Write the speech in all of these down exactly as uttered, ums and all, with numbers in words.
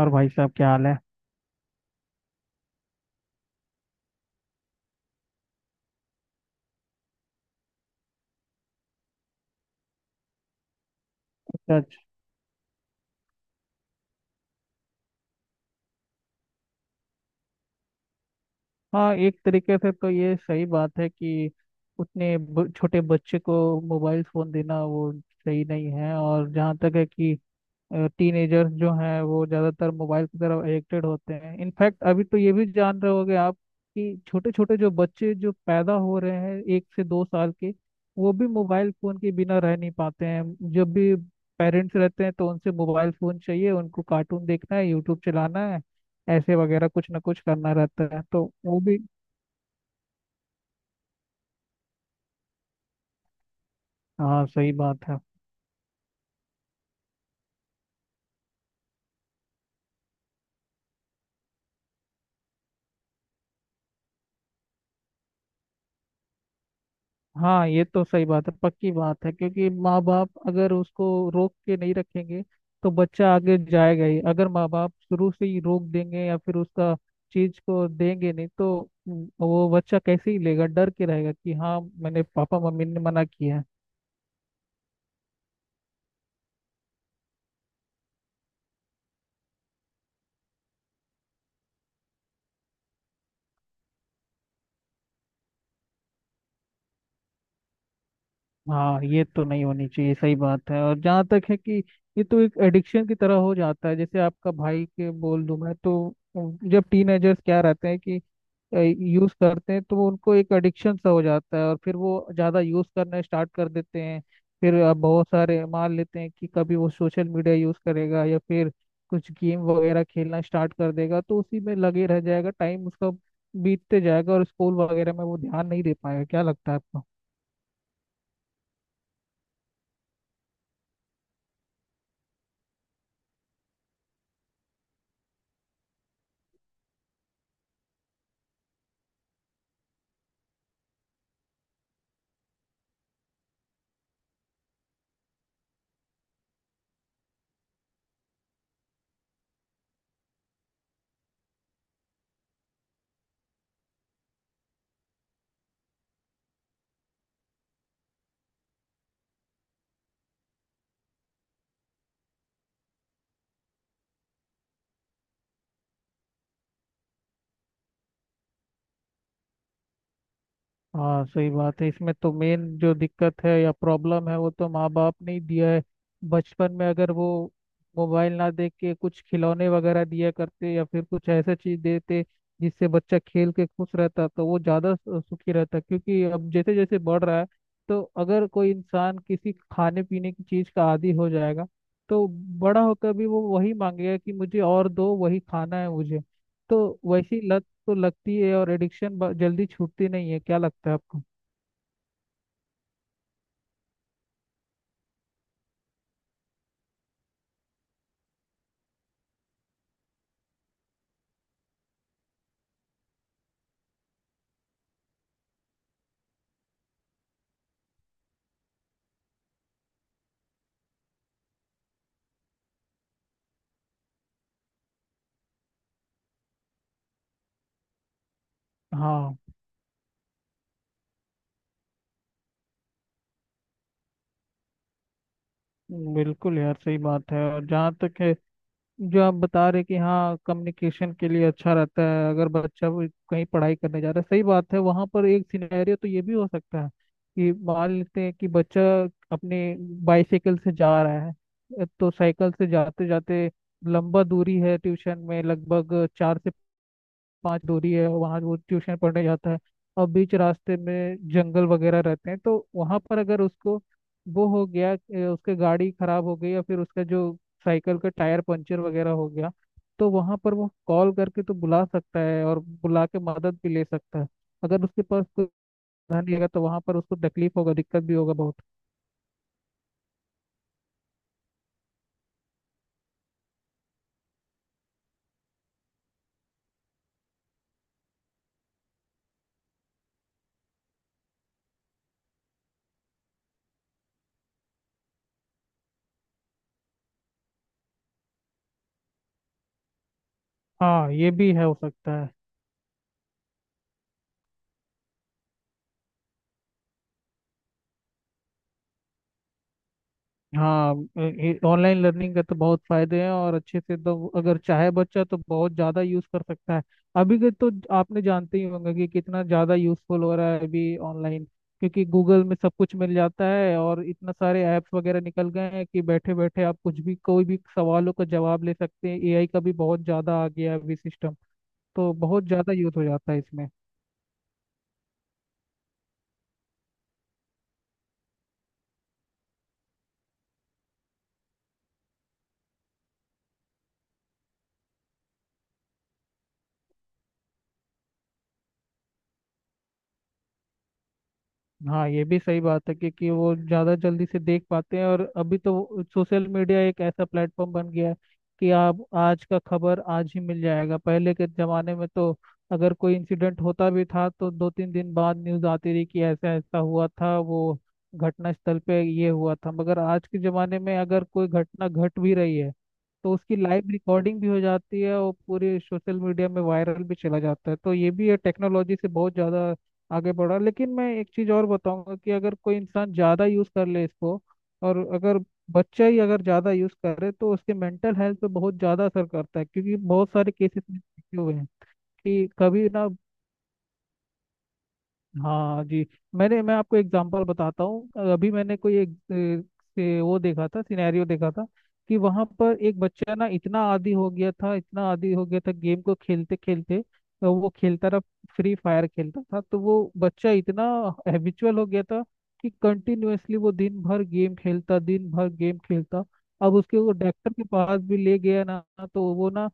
और भाई साहब क्या हाल है। सच। हाँ, एक तरीके से तो ये सही बात है कि उतने ब, छोटे बच्चे को मोबाइल फोन देना वो सही नहीं है। और जहाँ तक है कि टीनेजर्स जो हैं वो ज़्यादातर मोबाइल की तरफ एडिक्टेड होते हैं। इनफैक्ट अभी तो ये भी जान रहे होगे आप कि छोटे छोटे जो बच्चे जो पैदा हो रहे हैं एक से दो साल के, वो भी मोबाइल फ़ोन के बिना रह नहीं पाते हैं। जब भी पेरेंट्स रहते हैं तो उनसे मोबाइल फ़ोन चाहिए, उनको कार्टून देखना है, यूट्यूब चलाना है, ऐसे वगैरह कुछ ना कुछ करना रहता है तो वो भी। हाँ, सही बात है। हाँ, ये तो सही बात है, पक्की बात है क्योंकि माँ बाप अगर उसको रोक के नहीं रखेंगे तो बच्चा आगे जाएगा ही। अगर माँ बाप शुरू से ही रोक देंगे या फिर उसका चीज को देंगे नहीं तो वो बच्चा कैसे ही लेगा, डर के रहेगा कि हाँ मैंने पापा मम्मी ने मना किया है। हाँ, ये तो नहीं होनी चाहिए, सही बात है। और जहाँ तक है कि ये तो एक एडिक्शन की तरह हो जाता है, जैसे आपका भाई के बोल दूं मैं तो, जब टीनेजर्स क्या रहते हैं कि यूज करते हैं तो वो उनको एक एडिक्शन सा हो जाता है और फिर वो ज्यादा यूज करना स्टार्ट कर देते हैं। फिर अ, बहुत सारे मान लेते हैं कि कभी वो सोशल मीडिया यूज करेगा या फिर कुछ गेम वगैरह खेलना स्टार्ट कर देगा तो उसी में लगे रह जाएगा, टाइम उसका बीतते जाएगा और स्कूल वगैरह में वो ध्यान नहीं दे पाएगा। क्या लगता है आपको? हाँ, सही बात है। इसमें तो मेन जो दिक्कत है या प्रॉब्लम है, वो तो माँ बाप ने ही दिया है। बचपन में अगर वो मोबाइल ना देख के कुछ खिलौने वगैरह दिया करते या फिर कुछ ऐसा चीज देते जिससे बच्चा खेल के खुश रहता तो वो ज्यादा सु- सुखी रहता, क्योंकि अब जैसे जैसे बढ़ रहा है, तो अगर कोई इंसान किसी खाने पीने की चीज का आदी हो जाएगा तो बड़ा होकर भी वो वही मांगेगा कि मुझे और दो, वही खाना है मुझे। तो वैसी तो लगती है, और एडिक्शन जल्दी छूटती नहीं है। क्या लगता है आपको? हाँ बिल्कुल यार, सही बात है। और जहाँ तक है जो आप बता रहे कि हाँ कम्युनिकेशन के लिए अच्छा रहता है अगर बच्चा वो कहीं पढ़ाई करने जा रहा है, सही बात है। वहाँ पर एक सिनेरियो तो ये भी हो सकता है कि मान लेते हैं कि बच्चा अपने बाइसाइकिल से जा रहा है, तो साइकिल से जाते जाते लंबा दूरी है, ट्यूशन में लगभग चार से पाँच दूरी है, वहाँ वो ट्यूशन पढ़ने जाता है। और बीच रास्ते में जंगल वगैरह रहते हैं, तो वहाँ पर अगर उसको वो हो गया कि उसके गाड़ी खराब हो गई या फिर उसका जो साइकिल का टायर पंचर वगैरह हो गया, तो वहाँ पर वो कॉल करके तो बुला सकता है और बुला के मदद भी ले सकता है। अगर उसके पास कोई साधन नहीं रहेगा, तो वहाँ पर उसको तकलीफ होगा, दिक्कत भी होगा बहुत। हाँ, ये भी है, हो सकता है। हाँ, ऑनलाइन लर्निंग का तो बहुत फायदे हैं, और अच्छे से तो अगर चाहे बच्चा तो बहुत ज़्यादा यूज़ कर सकता है। अभी के तो आपने जानते ही होंगे कि कितना ज़्यादा यूज़फुल हो रहा है अभी ऑनलाइन, क्योंकि गूगल में सब कुछ मिल जाता है और इतना सारे ऐप्स वगैरह निकल गए हैं कि बैठे बैठे आप कुछ भी कोई भी सवालों का जवाब ले सकते हैं। ए आई का भी बहुत ज़्यादा आ गया है अभी सिस्टम, तो बहुत ज़्यादा यूज़ हो जाता है इसमें। हाँ, ये भी सही बात है क्योंकि वो ज़्यादा जल्दी से देख पाते हैं। और अभी तो सोशल मीडिया एक ऐसा प्लेटफॉर्म बन गया है कि आप आज का खबर आज ही मिल जाएगा। पहले के ज़माने में तो अगर कोई इंसिडेंट होता भी था तो दो तीन दिन बाद न्यूज़ आती रही कि ऐसा ऐसा हुआ था, वो घटना स्थल पे ये हुआ था। मगर आज के ज़माने में अगर कोई घटना घट भी रही है तो उसकी लाइव रिकॉर्डिंग भी हो जाती है और पूरे सोशल मीडिया में वायरल भी चला जाता है। तो ये भी है, टेक्नोलॉजी से बहुत ज़्यादा आगे बढ़ा। लेकिन मैं एक चीज और बताऊंगा कि अगर कोई इंसान ज्यादा यूज कर ले इसको, और अगर बच्चा ही अगर ज्यादा यूज करे तो उसके मेंटल हेल्थ पे बहुत ज्यादा असर करता है, क्योंकि बहुत सारे केसेस में देखे हुए हैं कि कभी ना। हाँ जी। मैंने मैं आपको एग्जांपल बताता हूँ। अभी मैंने कोई एक ए, से वो देखा था, सिनेरियो देखा था कि वहां पर एक बच्चा ना इतना आदी हो गया था, इतना आदी हो गया था गेम को खेलते खेलते। तो वो खेलता रहा, फ्री फायर खेलता था। तो वो बच्चा इतना हैबिचुअल हो गया था कि कंटिन्यूअसली वो दिन भर गेम खेलता, दिन भर गेम खेलता। अब उसके वो डॉक्टर के पास भी ले गया ना, तो वो ना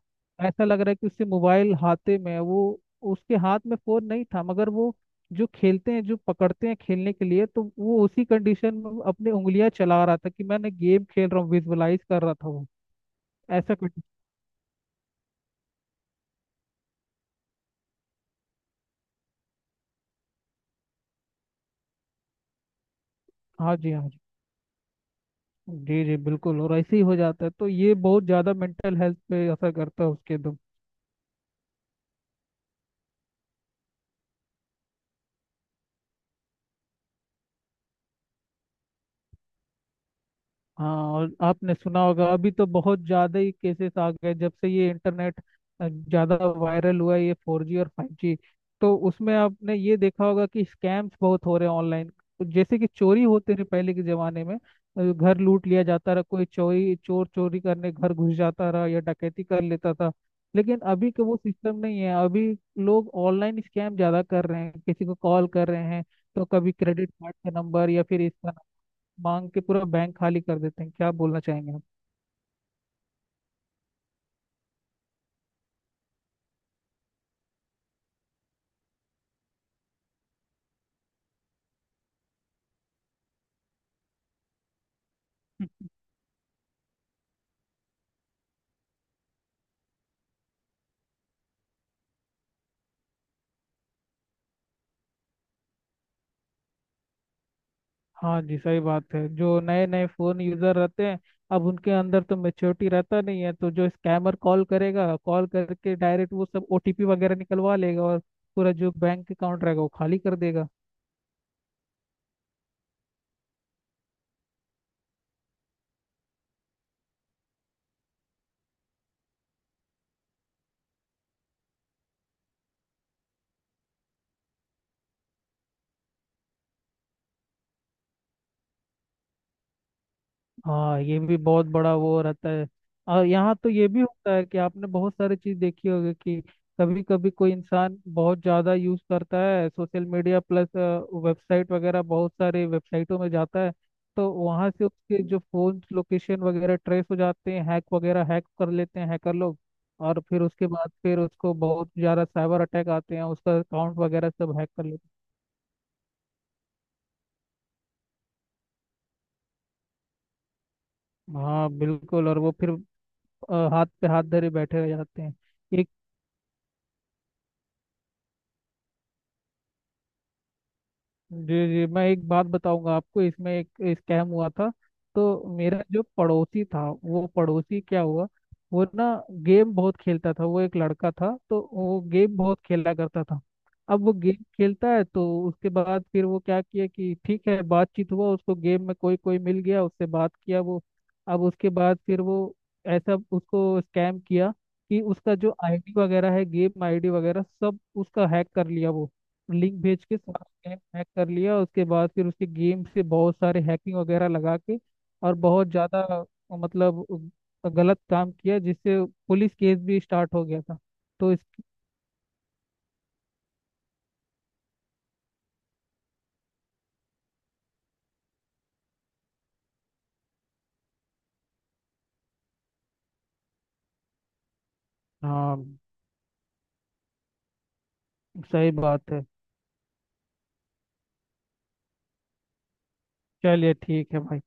ऐसा लग रहा है कि उससे मोबाइल हाथे में है। वो उसके हाथ में फोन नहीं था, मगर वो जो खेलते हैं जो पकड़ते हैं खेलने के लिए, तो वो उसी कंडीशन में वो अपनी उंगलियां चला रहा था कि मैंने गेम खेल रहा हूँ, विजुअलाइज कर रहा था वो। ऐसा कुछ। हाँ जी, हाँ जी। जी जी, बिल्कुल। और ऐसे ही हो जाता है, तो ये बहुत ज्यादा मेंटल हेल्थ पे असर करता है उसके तो। हाँ, और आपने सुना होगा, अभी तो बहुत ज़्यादा ही केसेस आ गए जब से ये इंटरनेट ज़्यादा वायरल हुआ है, ये फोर जी और फाइव जी। तो उसमें आपने ये देखा होगा कि स्कैम्स बहुत हो रहे हैं ऑनलाइन। जैसे कि चोरी होते थे पहले के ज़माने में, अ, घर लूट लिया जाता रहा, कोई चोरी चोर चोरी करने घर घुस जाता रहा, या डकैती कर लेता था। लेकिन अभी का वो सिस्टम नहीं है, अभी लोग ऑनलाइन स्कैम ज़्यादा कर रहे हैं, किसी को कॉल कर रहे हैं। तो कभी क्रेडिट कार्ड का नंबर या फिर इसका मांग के पूरा बैंक खाली कर देते हैं। क्या बोलना चाहेंगे आप? हाँ जी, सही बात है। जो नए नए फोन यूजर रहते हैं, अब उनके अंदर तो मेच्योरिटी रहता नहीं है, तो जो स्कैमर कॉल करेगा, कॉल करके डायरेक्ट वो सब ओटीपी वगैरह निकलवा लेगा और पूरा जो बैंक अकाउंट रहेगा वो खाली कर देगा। हाँ, ये भी बहुत बड़ा वो रहता है। और यहाँ तो ये भी होता है कि आपने बहुत सारी चीज देखी होगी कि कभी कभी कोई इंसान बहुत ज्यादा यूज करता है सोशल मीडिया प्लस वेबसाइट वगैरह, बहुत सारे वेबसाइटों में जाता है, तो वहाँ से उसके जो फोन लोकेशन वगैरह ट्रेस हो जाते हैं, हैक वगैरह हैक कर लेते हैं हैकर लोग। और फिर उसके बाद फिर उसको बहुत ज्यादा साइबर अटैक आते हैं, उसका अकाउंट वगैरह सब हैक कर लेते हैं। हाँ बिल्कुल। और वो फिर अ, हाथ पे हाथ धरे बैठे रह जाते हैं। एक। जी जी, मैं एक बात बताऊंगा आपको, इसमें एक स्कैम हुआ था। तो मेरा जो पड़ोसी था, वो पड़ोसी क्या हुआ, वो ना गेम बहुत खेलता था, वो एक लड़का था, तो वो गेम बहुत खेला करता था। अब वो गेम खेलता है, तो उसके बाद फिर वो क्या किया कि ठीक है, बातचीत हुआ, उसको गेम में कोई कोई मिल गया, उससे बात किया वो। अब उसके बाद फिर वो ऐसा उसको स्कैम किया कि उसका जो आईडी वगैरह है, गेम आईडी वगैरह सब उसका हैक कर लिया वो, लिंक भेज के हैक हैक कर लिया। उसके बाद फिर उसके गेम से बहुत सारे हैकिंग वगैरह लगा के और बहुत ज़्यादा, मतलब गलत काम किया, जिससे पुलिस केस भी स्टार्ट हो गया था। तो इस। हाँ सही बात है। चलिए ठीक है भाई।